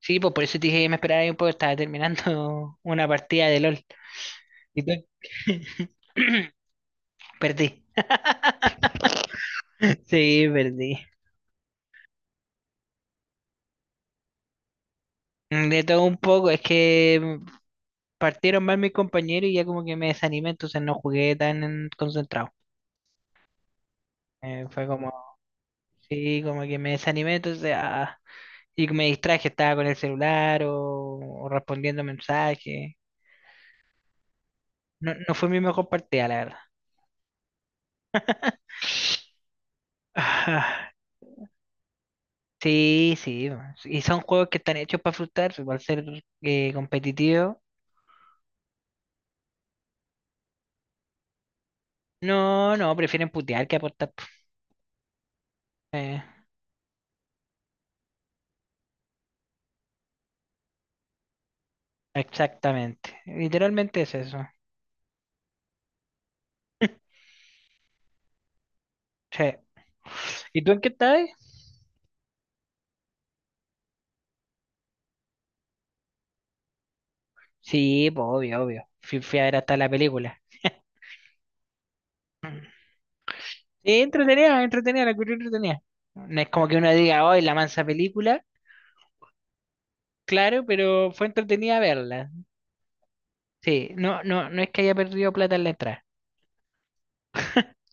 Sí, pues por eso te dije que me esperaba ahí un poco, estaba terminando una partida de LOL. ¿Y tú? Perdí. Sí, perdí. De todo un poco, es que partieron mal mis compañeros y ya como que me desanimé, entonces no jugué tan concentrado. Fue como, sí, como que me desanimé, entonces, y me distraje, estaba con el celular o respondiendo mensajes. No, no fue mi mejor partida, la verdad. Sí, sí, y son juegos que están hechos para frustrar, para ser competitivos. No, no, prefieren putear que aportar, po. Eh, exactamente, literalmente es eso. Sí. ¿Y tú en qué estás? Sí, pues obvio, obvio. Fui a ver hasta la película. Sí, entretenida, entretenida, la encontré entretenida. No es como que uno diga, hoy la mansa película, claro, pero fue entretenida verla. Sí, no, no, no es que haya perdido plata en la entrada.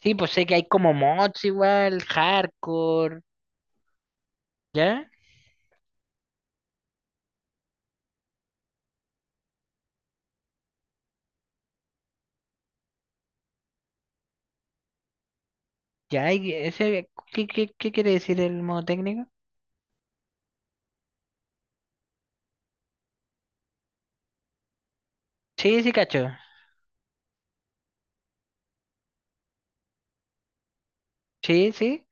Sí, pues sé que hay como mods igual, hardcore, ¿ya? Ya, y ese, ¿qué quiere decir el modo técnico? Sí, sí, cacho. Sí, sí,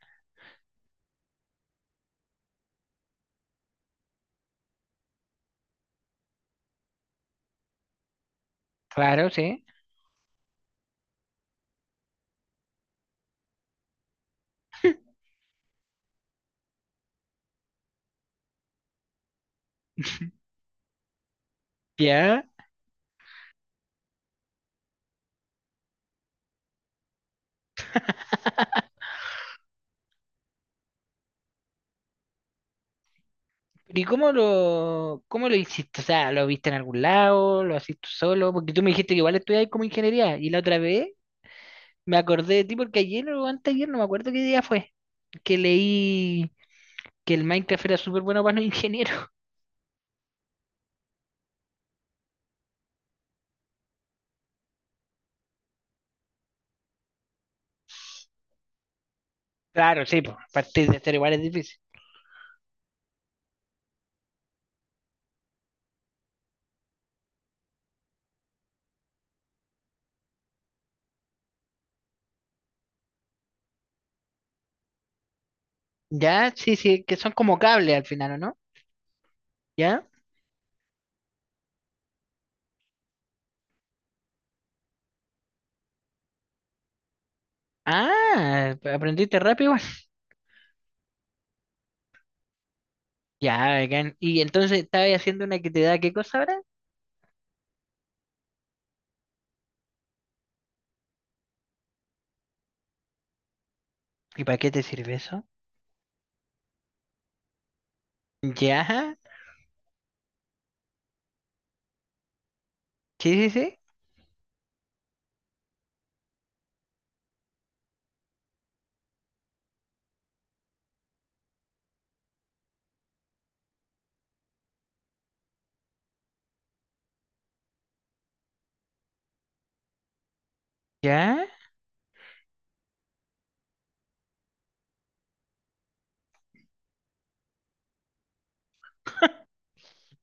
claro, sí. Ya. ¿Y cómo lo hiciste? O sea, ¿lo viste en algún lado? ¿Lo hacís tú solo? Porque tú me dijiste que igual estudiabas como ingeniería. Y la otra vez me acordé de ti porque ayer o anteayer, no me acuerdo qué día fue, que leí que el Minecraft era súper bueno para los ingenieros. Claro, sí, pues, partir de cero igual es difícil. Ya, sí, sí, que son como cables al final, ¿o no? ¿Ya? Ah, aprendiste rápido igual. Ya, bacán. ¿Y entonces estabas haciendo una que te da qué cosa ahora? ¿Y para qué te sirve eso? Ya, sí, sí, sí. Ya,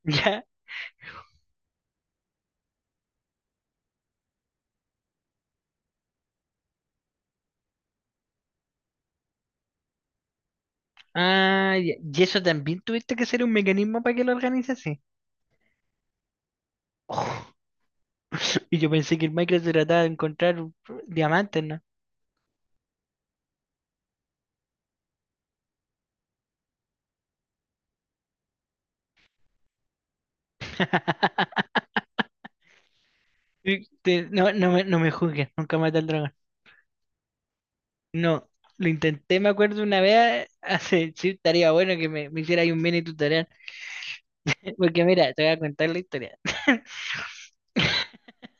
ya. Ah, ya. Y eso también tuviste que hacer un mecanismo para que lo organizase. Oh. Y yo pensé que el Minecraft se trataba de encontrar diamantes, ¿no? No, no me juzgues, nunca maté al dragón. No, lo intenté, me acuerdo una vez, hace, sí, estaría bueno que me hiciera ahí un mini tutorial. Porque mira, te voy a contar la historia.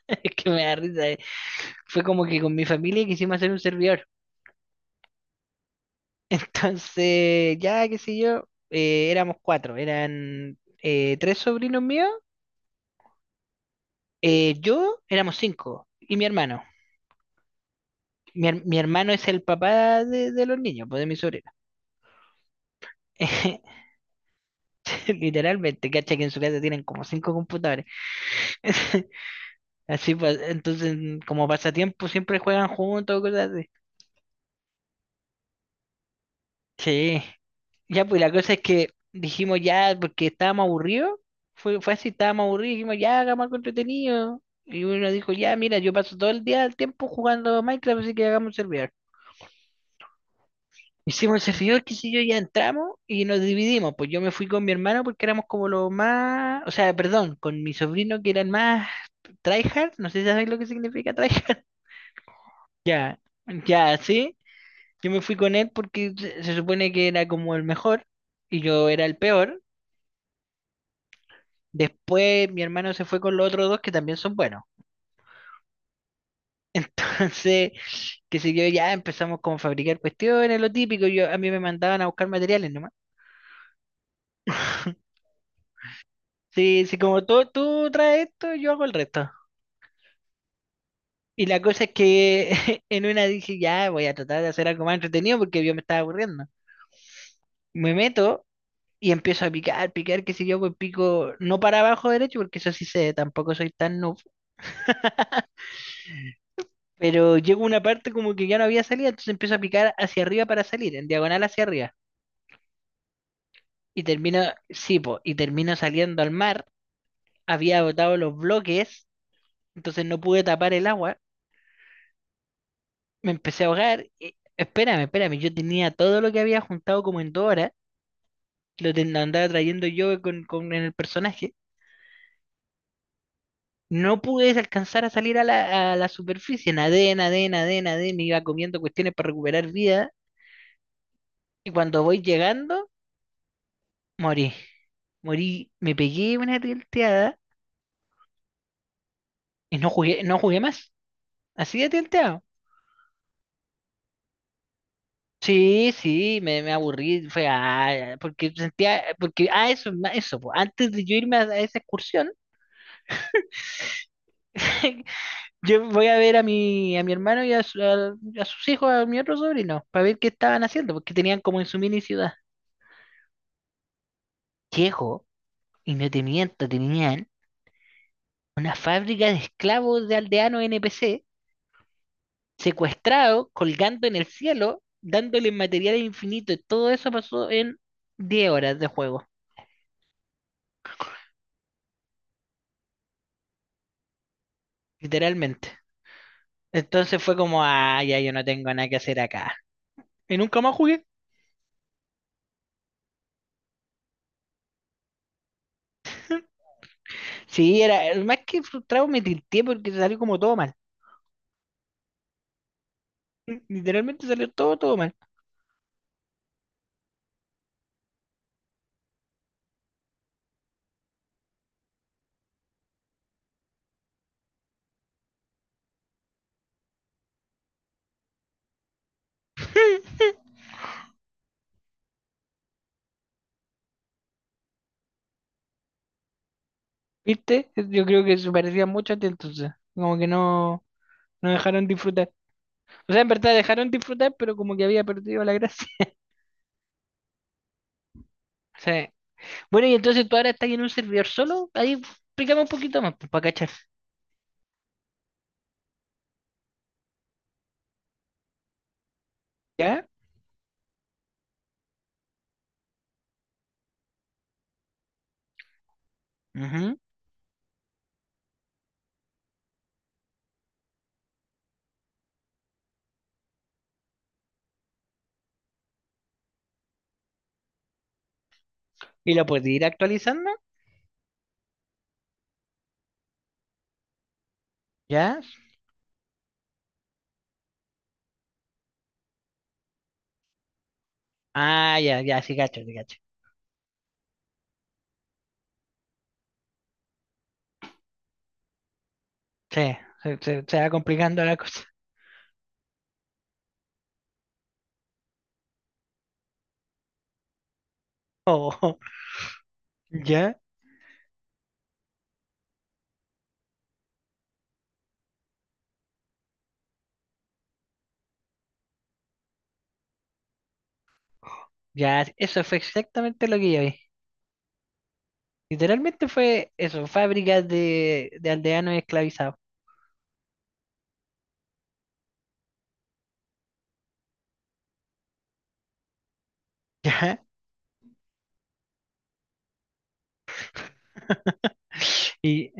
Es que me da risa. Fue como que con mi familia quisimos hacer un servidor. Entonces, ya qué sé yo, éramos cuatro. Eran tres sobrinos míos, yo éramos cinco y mi hermano. Mi hermano es el papá de los niños, pues de mi sobrino. Literalmente, cacha que en su casa tienen como cinco computadores. Así pues, entonces como pasatiempo siempre juegan juntos, cosas así. Sí. Ya, pues la cosa es que dijimos ya, porque estábamos aburridos, fue así, estábamos aburridos, dijimos ya, hagamos algo entretenido. Y uno dijo, ya, mira, yo paso todo el día el tiempo jugando Minecraft, así que hagamos un servidor. Hicimos el servidor, qué sé yo, ya entramos y nos dividimos. Pues yo me fui con mi hermano porque éramos como los más, o sea, perdón, con mi sobrino que eran más tryhard, no sé si sabéis lo que significa tryhard. Ya, ya, sí. Yo me fui con él porque se supone que era como el mejor y yo era el peor. Después mi hermano se fue con los otros dos que también son buenos. Entonces, que sé yo, ya empezamos como a fabricar cuestiones, lo típico. A mí me mandaban a buscar materiales nomás. Sí, sí, como tú traes esto, yo hago el resto. Y la cosa es que en una dije, ya voy a tratar de hacer algo más entretenido porque yo me estaba aburriendo. Me meto y empiezo a picar, picar, qué sé yo, pues pico no para abajo derecho porque eso sí sé, tampoco soy tan noob. Pero llego a una parte como que ya no había salida, entonces empiezo a picar hacia arriba para salir, en diagonal hacia arriba. Y termino, sí, po, y termino saliendo al mar, había botado los bloques, entonces no pude tapar el agua, me empecé a ahogar, espérame, espérame, yo tenía todo lo que había juntado como en 2 horas, lo andaba trayendo yo con el personaje, no pude alcanzar a salir a la, superficie, nadé, nadé, nadé, nadé, me iba comiendo cuestiones para recuperar vida, y cuando voy llegando, morí, morí, me pegué una tilteada y no jugué, no jugué más, así de tilteado. Sí, sí, me aburrí, porque sentía, porque eso, eso, po, antes de yo irme a esa excursión, yo voy a ver a mi hermano y a sus hijos, a mi otro sobrino, para ver qué estaban haciendo, porque tenían como en su mini ciudad. Llego, y no te miento, tenían una fábrica de esclavos de aldeanos NPC, secuestrados, colgando en el cielo, dándoles materiales infinitos, y todo eso pasó en 10 horas de juego, literalmente. Entonces fue como, ya yo no tengo nada que hacer acá. Y nunca más jugué. Sí, más que frustrado me tilté porque salió como todo mal. Literalmente salió todo, todo mal. ¿Viste? Yo creo que se parecía mucho a ti entonces. Como que no, no dejaron disfrutar. O sea, en verdad dejaron disfrutar, pero como que había perdido la gracia. Sí. Bueno, y entonces tú ahora estás en un servidor solo. Ahí explícame un poquito más, pues, para cachar. ¿Ya? Ujú. ¿Y lo puedes ir actualizando? ¿Ya? Ah, ya, ya, sí, cacho, sí, cacho. Sí, se va complicando la cosa. Oh, ya, ya, eso fue exactamente lo que yo vi. Literalmente fue eso, fábricas de aldeanos esclavizados. Ya, y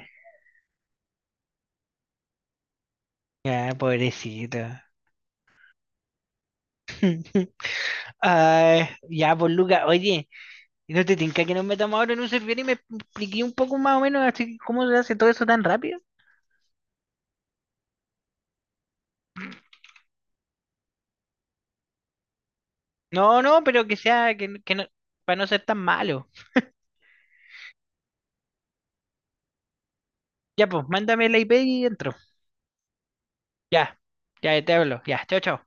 ya, pobrecito. Ay, ya, pues Luca, oye, ¿No te tinca que nos metamos ahora en un servidor y me expliqué un poco más o menos así cómo se hace todo eso tan rápido? No, no, pero que sea, que no, para no ser tan malo. Ya, pues, mándame la IP y entro. Ya, ya te hablo. Ya, chao, chao.